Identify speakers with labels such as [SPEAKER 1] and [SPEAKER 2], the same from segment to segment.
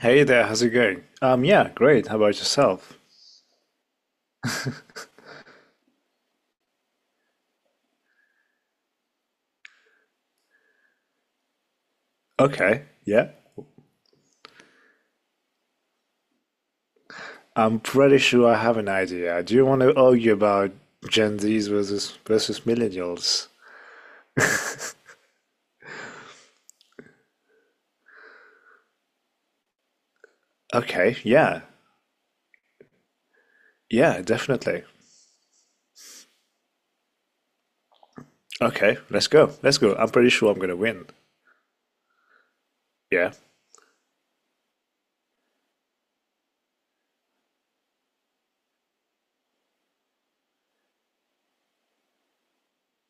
[SPEAKER 1] Hey there, how's it going? Yeah, great. How about yourself? Okay, yeah. I'm pretty sure I have an idea. Do you want to argue about Gen Zs versus millennials? Okay, yeah. Yeah, definitely. Okay, let's go. Let's go. I'm pretty sure I'm gonna win. Yeah.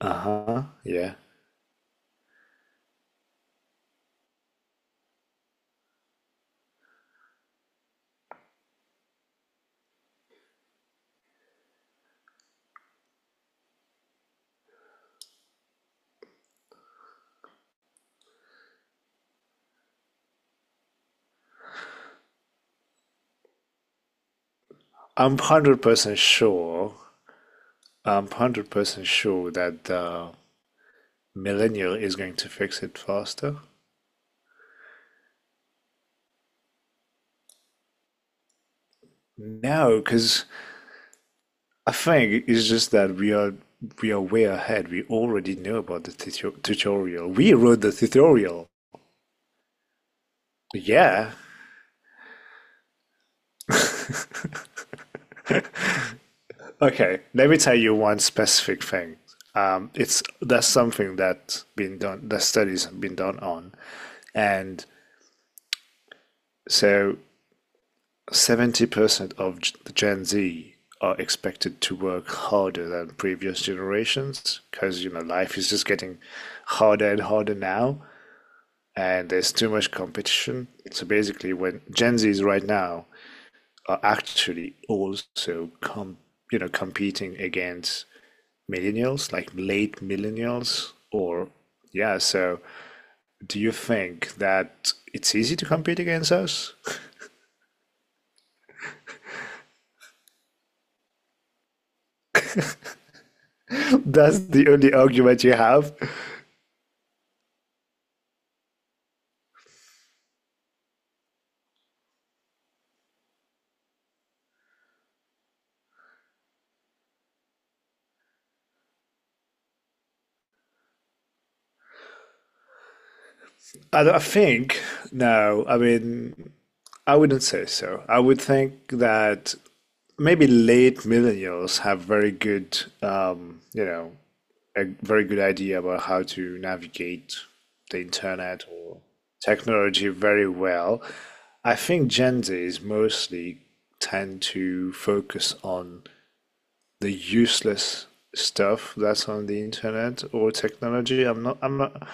[SPEAKER 1] Uh-huh. Yeah. I'm 100% sure. I'm 100% sure that the millennial is going to fix it faster. No, because I think it's just that we are way ahead. We already know about the tutorial. We wrote the tutorial. Yeah. Okay. Let me tell you one specific thing. It's That's something that's been done. The studies have been done on, and so 70% of the Gen Z are expected to work harder than previous generations because you know life is just getting harder and harder now. And there's too much competition. So basically, when Gen Zs right now are actually also you know competing against millennials, like late millennials, or yeah. So do you think that it's easy to compete against us? That's the only argument you have. I, don't- I think no. I mean, I wouldn't say so. I would think that maybe late millennials have very good, you know, a very good idea about how to navigate the internet or technology very well. I think Gen Zs mostly tend to focus on the useless stuff that's on the internet or technology. I'm not,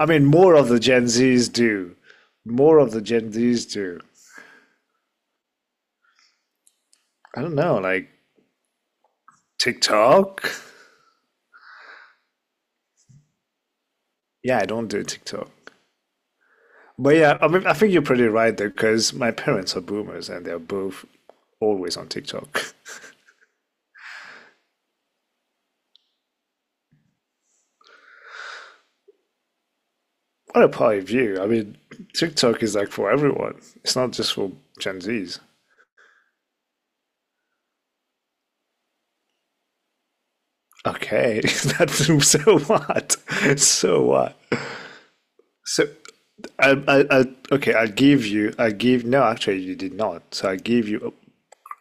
[SPEAKER 1] I mean, more of the Gen Zs do. More of the Gen Zs do. I don't know, like TikTok? Yeah, I don't do TikTok. But yeah, I mean, I think you're pretty right there because my parents are boomers and they're both always on TikTok. What a party view. I mean, TikTok is like for everyone. It's not just for Gen Zs. Okay, that's so what? So what? So I, I, I, okay, I'll give you, I give, no, actually, you did not. So I give you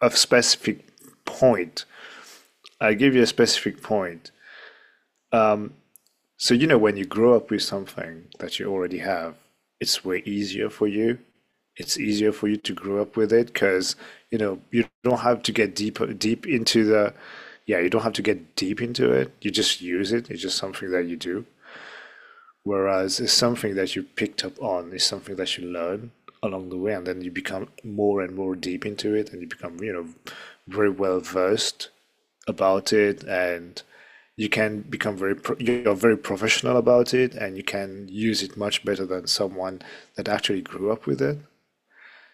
[SPEAKER 1] a specific point. I give you a specific point. So, you know, when you grow up with something that you already have, it's way easier for you. It's easier for you to grow up with it because, you know, you don't have to get deep into the, yeah, you don't have to get deep into it. You just use it. It's just something that you do. Whereas it's something that you picked up on, it's something that you learn along the way, and then you become more and more deep into it, and you become, you know, very well versed about it, and you can become very, you're very professional about it, and you can use it much better than someone that actually grew up with it.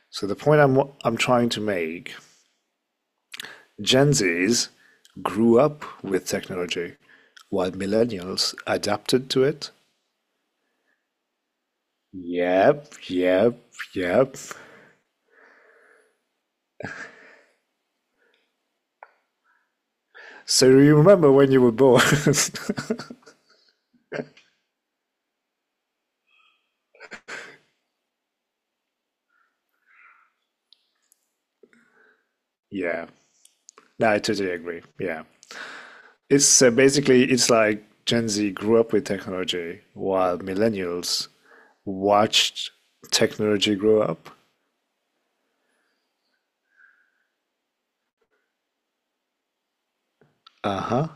[SPEAKER 1] So the point I'm trying to make, Gen Zs grew up with technology, while millennials adapted to it. Yep, yep, yep. So you remember when you were born? Yeah. No, I totally agree. Yeah. It's Basically it's like Gen Z grew up with technology while millennials watched technology grow up. Uh-huh.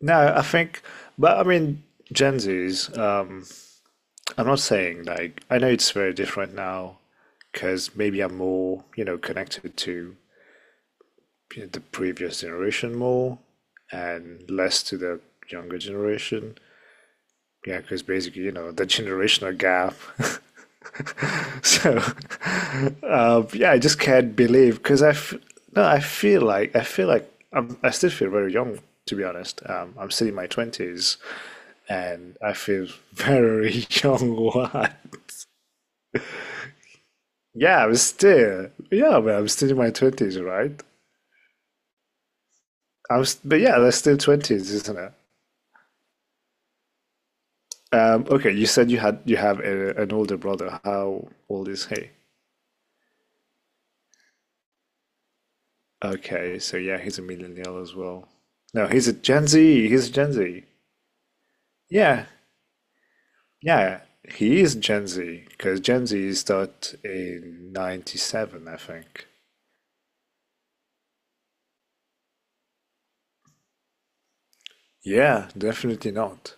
[SPEAKER 1] No, I think, but I mean, Gen Zs, I'm not saying like, I know it's very different now because maybe I'm more, you know, connected to the previous generation more and less to the younger generation. Yeah, because basically, you know, the generational gap. So, yeah, I just can't believe because I, f- no, I still feel very young to be honest. I'm still in my twenties and I feel very young. What? Yeah, but I'm still in my twenties, right? I'm, s- but Yeah, that's still twenties, isn't it? Okay, you said you had you have an older brother. How old is he? Okay, so yeah, he's a millennial as well. No, he's a Gen Z. He's a Gen Z. Yeah, yeah, he is Gen Z because Gen Z started in '97, I think. Yeah, definitely not.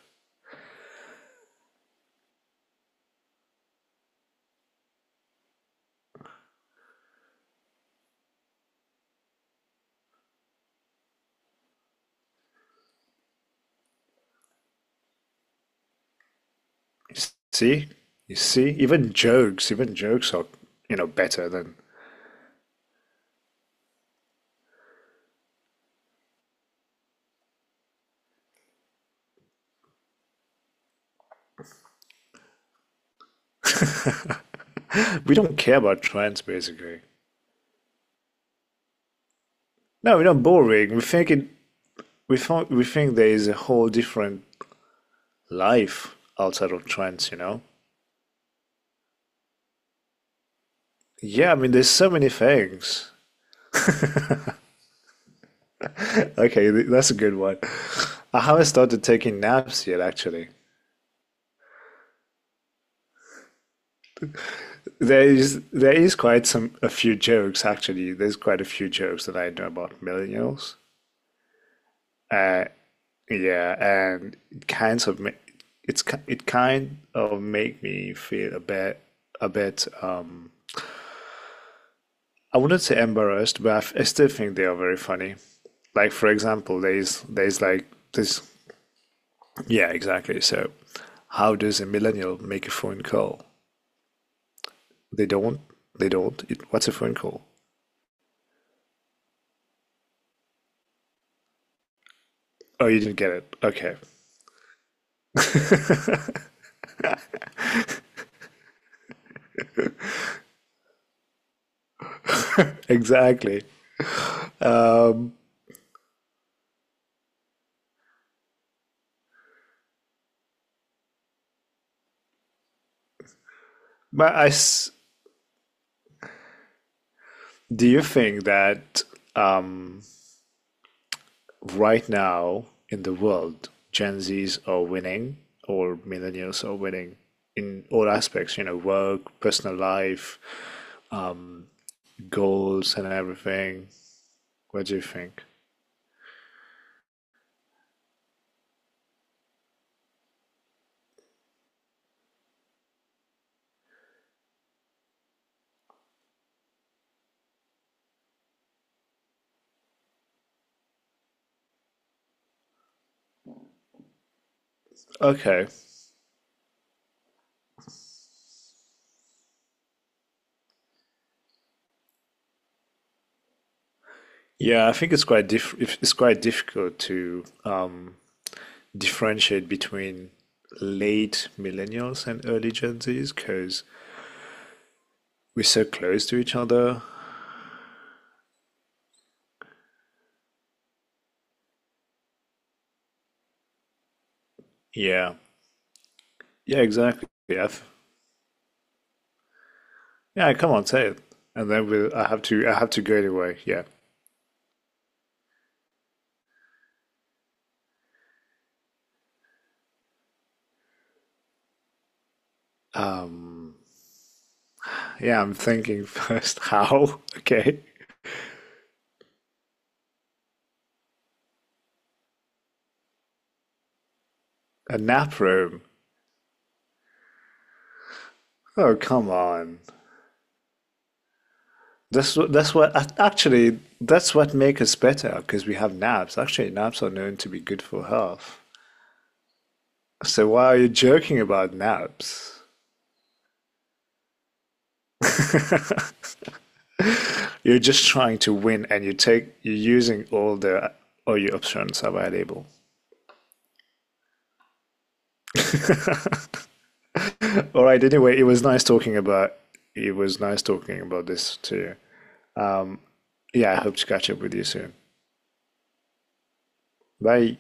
[SPEAKER 1] See, you see, even jokes are, you know, better than we don't care about trends basically. No, we're not boring. We think it. We think there is a whole different life outside of trends, you know? Yeah, I mean, there's so many things. Okay, that's a good one. I haven't started taking naps yet, actually. There is quite some A few jokes actually. There's quite a few jokes that I know about millennials. Uh, yeah, and it kind of make me feel a bit. I wouldn't say embarrassed, but I still think they are very funny. Like for example, there's like this Yeah, exactly. So, how does a millennial make a phone call? They don't. They don't. It, what's a phone call? Oh, you didn't get it. Okay, exactly. But I s- do you think that um, right now in the world, Gen Zs are winning or millennials are winning in all aspects? You know, work, personal life, um, goals, and everything. What do you think? Okay, yeah, I think it's quite diff if- it's quite difficult to differentiate between late millennials and early Gen Zs because we're so close to each other. Yeah, yeah, exactly. Yeah, th- yeah. Come on, say it, and then we'll. I have to go anyway. Yeah, yeah. I'm thinking first. How? Okay, a nap room. Oh, come on. Actually, that's what makes us better because we have naps. Actually, naps are known to be good for health. So why are you joking about naps? You're just trying to win and you're using all your options available. Alright, anyway, it was nice talking about this to you. Yeah, I hope to catch up with you soon. Bye.